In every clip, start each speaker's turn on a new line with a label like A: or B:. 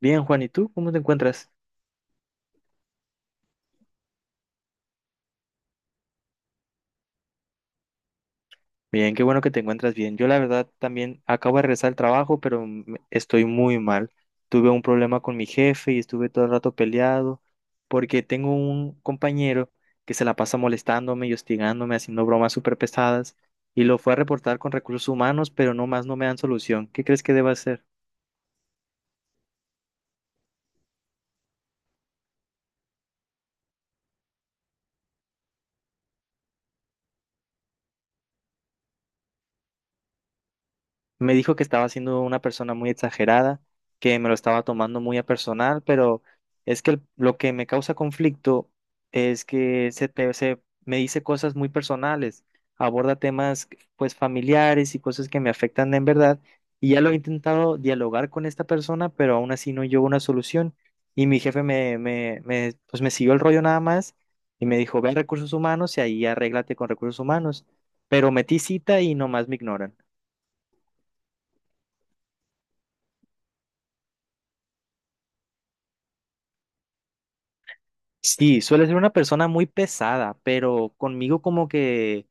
A: Bien, Juan, ¿y tú cómo te encuentras? Bien, qué bueno que te encuentras bien. Yo la verdad también acabo de regresar al trabajo, pero estoy muy mal. Tuve un problema con mi jefe y estuve todo el rato peleado porque tengo un compañero que se la pasa molestándome y hostigándome, haciendo bromas súper pesadas y lo fue a reportar con recursos humanos, pero no más no me dan solución. ¿Qué crees que deba hacer? Me dijo que estaba siendo una persona muy exagerada, que me lo estaba tomando muy a personal, pero es que lo que me causa conflicto es que se me dice cosas muy personales, aborda temas pues familiares y cosas que me afectan en verdad, y ya lo he intentado dialogar con esta persona, pero aún así no llegó a una solución, y mi jefe pues me siguió el rollo nada más y me dijo, ve a recursos humanos y ahí arréglate con recursos humanos, pero metí cita y nomás me ignoran. Sí, suele ser una persona muy pesada, pero conmigo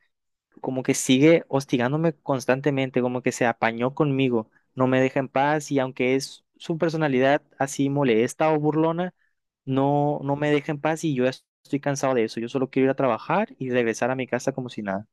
A: como que sigue hostigándome constantemente, como que se apañó conmigo, no me deja en paz y aunque es su personalidad así molesta o burlona, no, no me deja en paz y yo ya estoy cansado de eso. Yo solo quiero ir a trabajar y regresar a mi casa como si nada.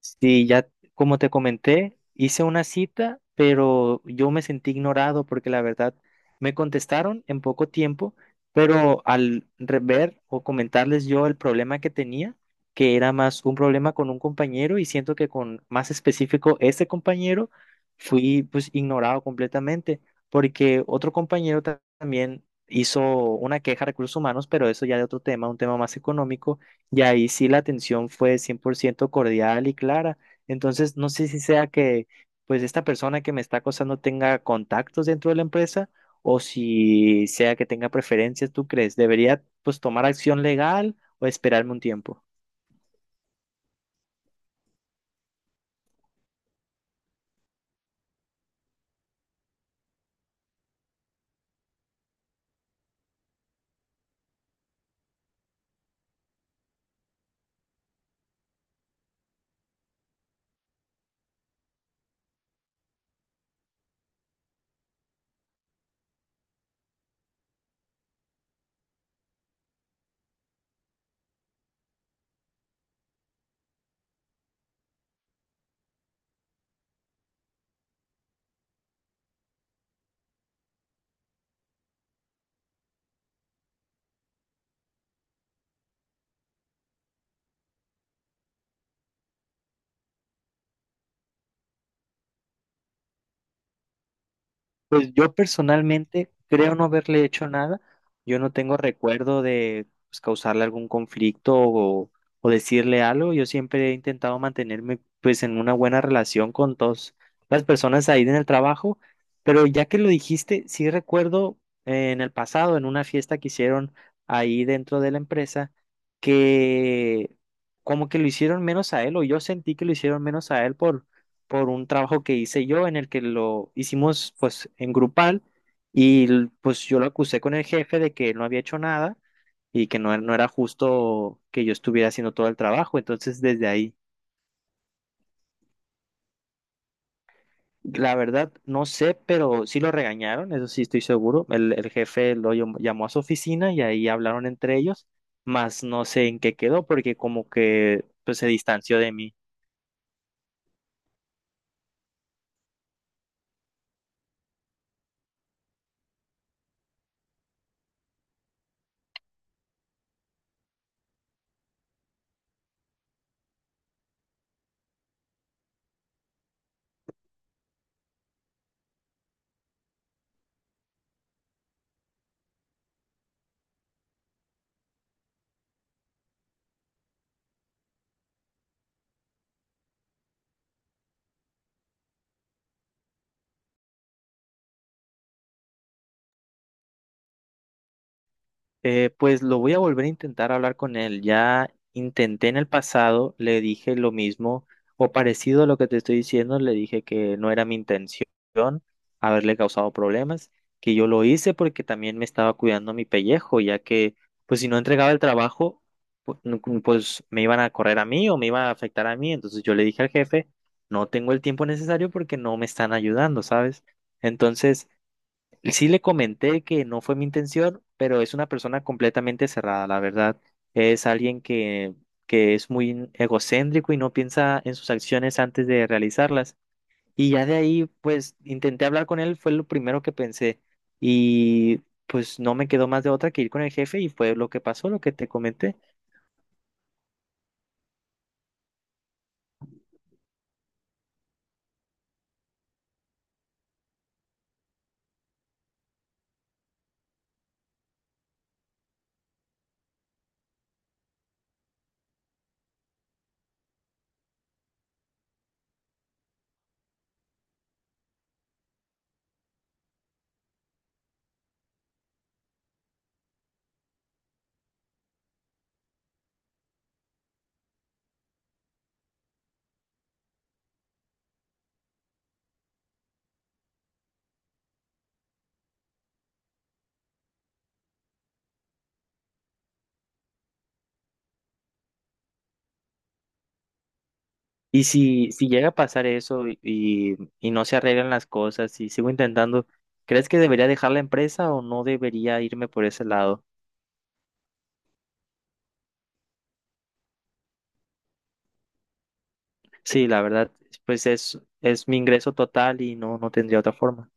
A: Sí, ya como te comenté, hice una cita, pero yo me sentí ignorado porque la verdad me contestaron en poco tiempo, pero al ver o comentarles yo el problema que tenía, que era más un problema con un compañero y siento que con más específico este compañero, fui pues ignorado completamente porque otro compañero también hizo una queja a recursos humanos, pero eso ya de otro tema, un tema más económico y ahí sí la atención fue 100% cordial y clara. Entonces, no sé si sea que pues esta persona que me está acosando tenga contactos dentro de la empresa o si sea que tenga preferencias, ¿tú crees? ¿Debería pues tomar acción legal o esperarme un tiempo? Pues yo personalmente creo no haberle hecho nada. Yo no tengo recuerdo de pues, causarle algún conflicto o decirle algo. Yo siempre he intentado mantenerme pues en una buena relación con todas las personas ahí en el trabajo. Pero ya que lo dijiste, sí recuerdo en el pasado, en una fiesta que hicieron ahí dentro de la empresa, que como que lo hicieron menos a él o yo sentí que lo hicieron menos a él por un trabajo que hice yo en el que lo hicimos pues en grupal y pues yo lo acusé con el jefe de que él no había hecho nada y que no, no era justo que yo estuviera haciendo todo el trabajo. Entonces desde ahí, la verdad, no sé, pero sí lo regañaron, eso sí estoy seguro. El jefe lo llamó a su oficina y ahí hablaron entre ellos, más no sé en qué quedó porque como que pues, se distanció de mí. Pues lo voy a volver a intentar hablar con él. Ya intenté en el pasado, le dije lo mismo o parecido a lo que te estoy diciendo, le dije que no era mi intención haberle causado problemas, que yo lo hice porque también me estaba cuidando mi pellejo, ya que pues si no entregaba el trabajo, pues me iban a correr a mí o me iba a afectar a mí. Entonces yo le dije al jefe, no tengo el tiempo necesario porque no me están ayudando, ¿sabes? Entonces... Sí le comenté que no fue mi intención, pero es una persona completamente cerrada, la verdad. Es alguien que es muy egocéntrico y no piensa en sus acciones antes de realizarlas. Y ya de ahí, pues, intenté hablar con él, fue lo primero que pensé. Y pues no me quedó más de otra que ir con el jefe y fue lo que pasó, lo que te comenté. Y si, si llega a pasar eso y, y no se arreglan las cosas y sigo intentando, ¿crees que debería dejar la empresa o no debería irme por ese lado? Sí, la verdad, pues es mi ingreso total y no, no tendría otra forma.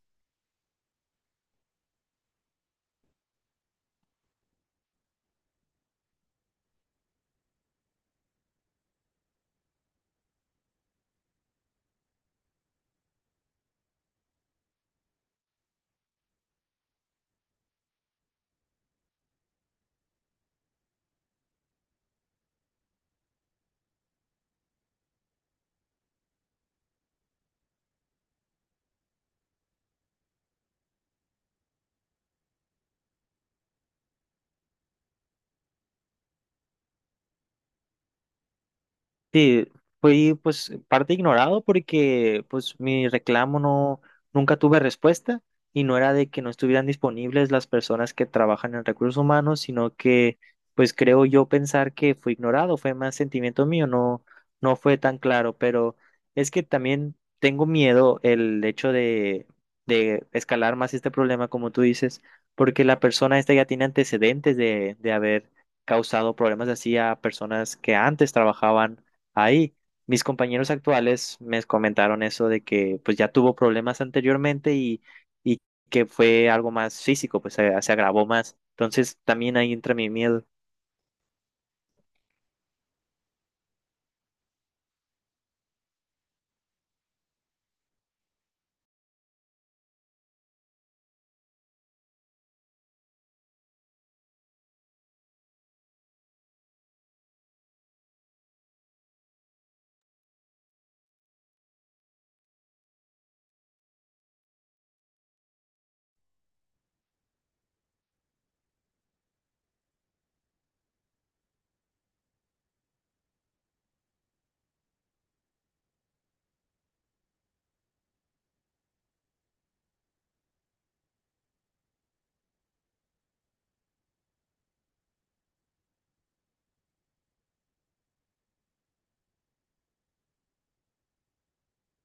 A: Sí, fui pues parte ignorado porque pues mi reclamo no, nunca tuve respuesta y no era de que no estuvieran disponibles las personas que trabajan en recursos humanos, sino que pues creo yo pensar que fui ignorado, fue más sentimiento mío, no, no fue tan claro, pero es que también tengo miedo el hecho de escalar más este problema, como tú dices, porque la persona esta ya tiene antecedentes de haber causado problemas así a personas que antes trabajaban ahí. Mis compañeros actuales me comentaron eso de que pues ya tuvo problemas anteriormente y que fue algo más físico, pues se agravó más. Entonces también ahí entra mi miedo.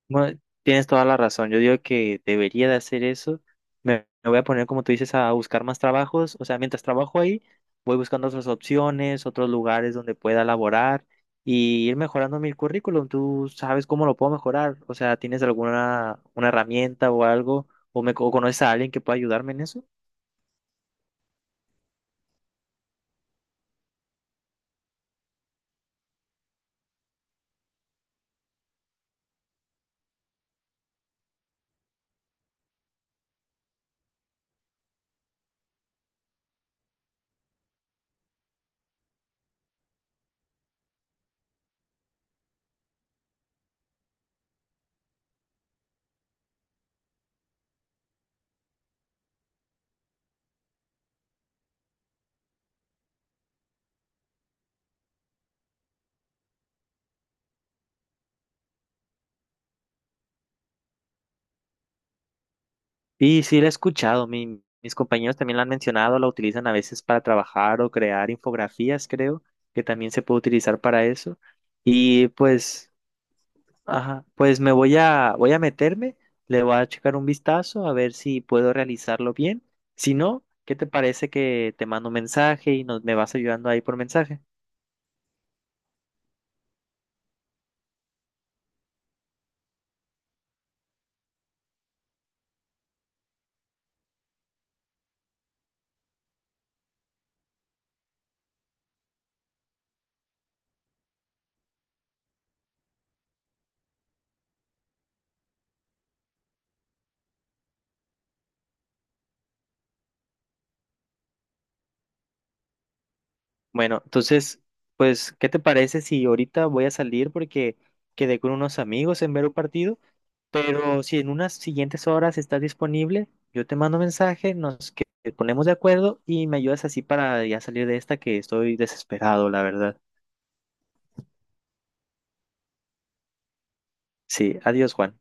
A: Bueno, tienes toda la razón. Yo digo que debería de hacer eso. Me voy a poner, como tú dices, a buscar más trabajos. O sea, mientras trabajo ahí, voy buscando otras opciones, otros lugares donde pueda laborar y ir mejorando mi currículum. ¿Tú sabes cómo lo puedo mejorar? O sea, ¿tienes alguna una herramienta o algo? ¿O me o conoces a alguien que pueda ayudarme en eso? Y sí, la he escuchado. Mis compañeros también la han mencionado. La utilizan a veces para trabajar o crear infografías, creo, que también se puede utilizar para eso. Y pues. Ajá, pues me voy a, voy a meterme, le voy a checar un vistazo a ver si puedo realizarlo bien. Si no, ¿qué te parece que te mando un mensaje y nos, me vas ayudando ahí por mensaje? Bueno, entonces, pues, ¿qué te parece si ahorita voy a salir porque quedé con unos amigos en ver un partido? Pero si en unas siguientes horas estás disponible, yo te mando mensaje, ponemos de acuerdo y me ayudas así para ya salir de esta que estoy desesperado, la verdad. Sí, adiós, Juan.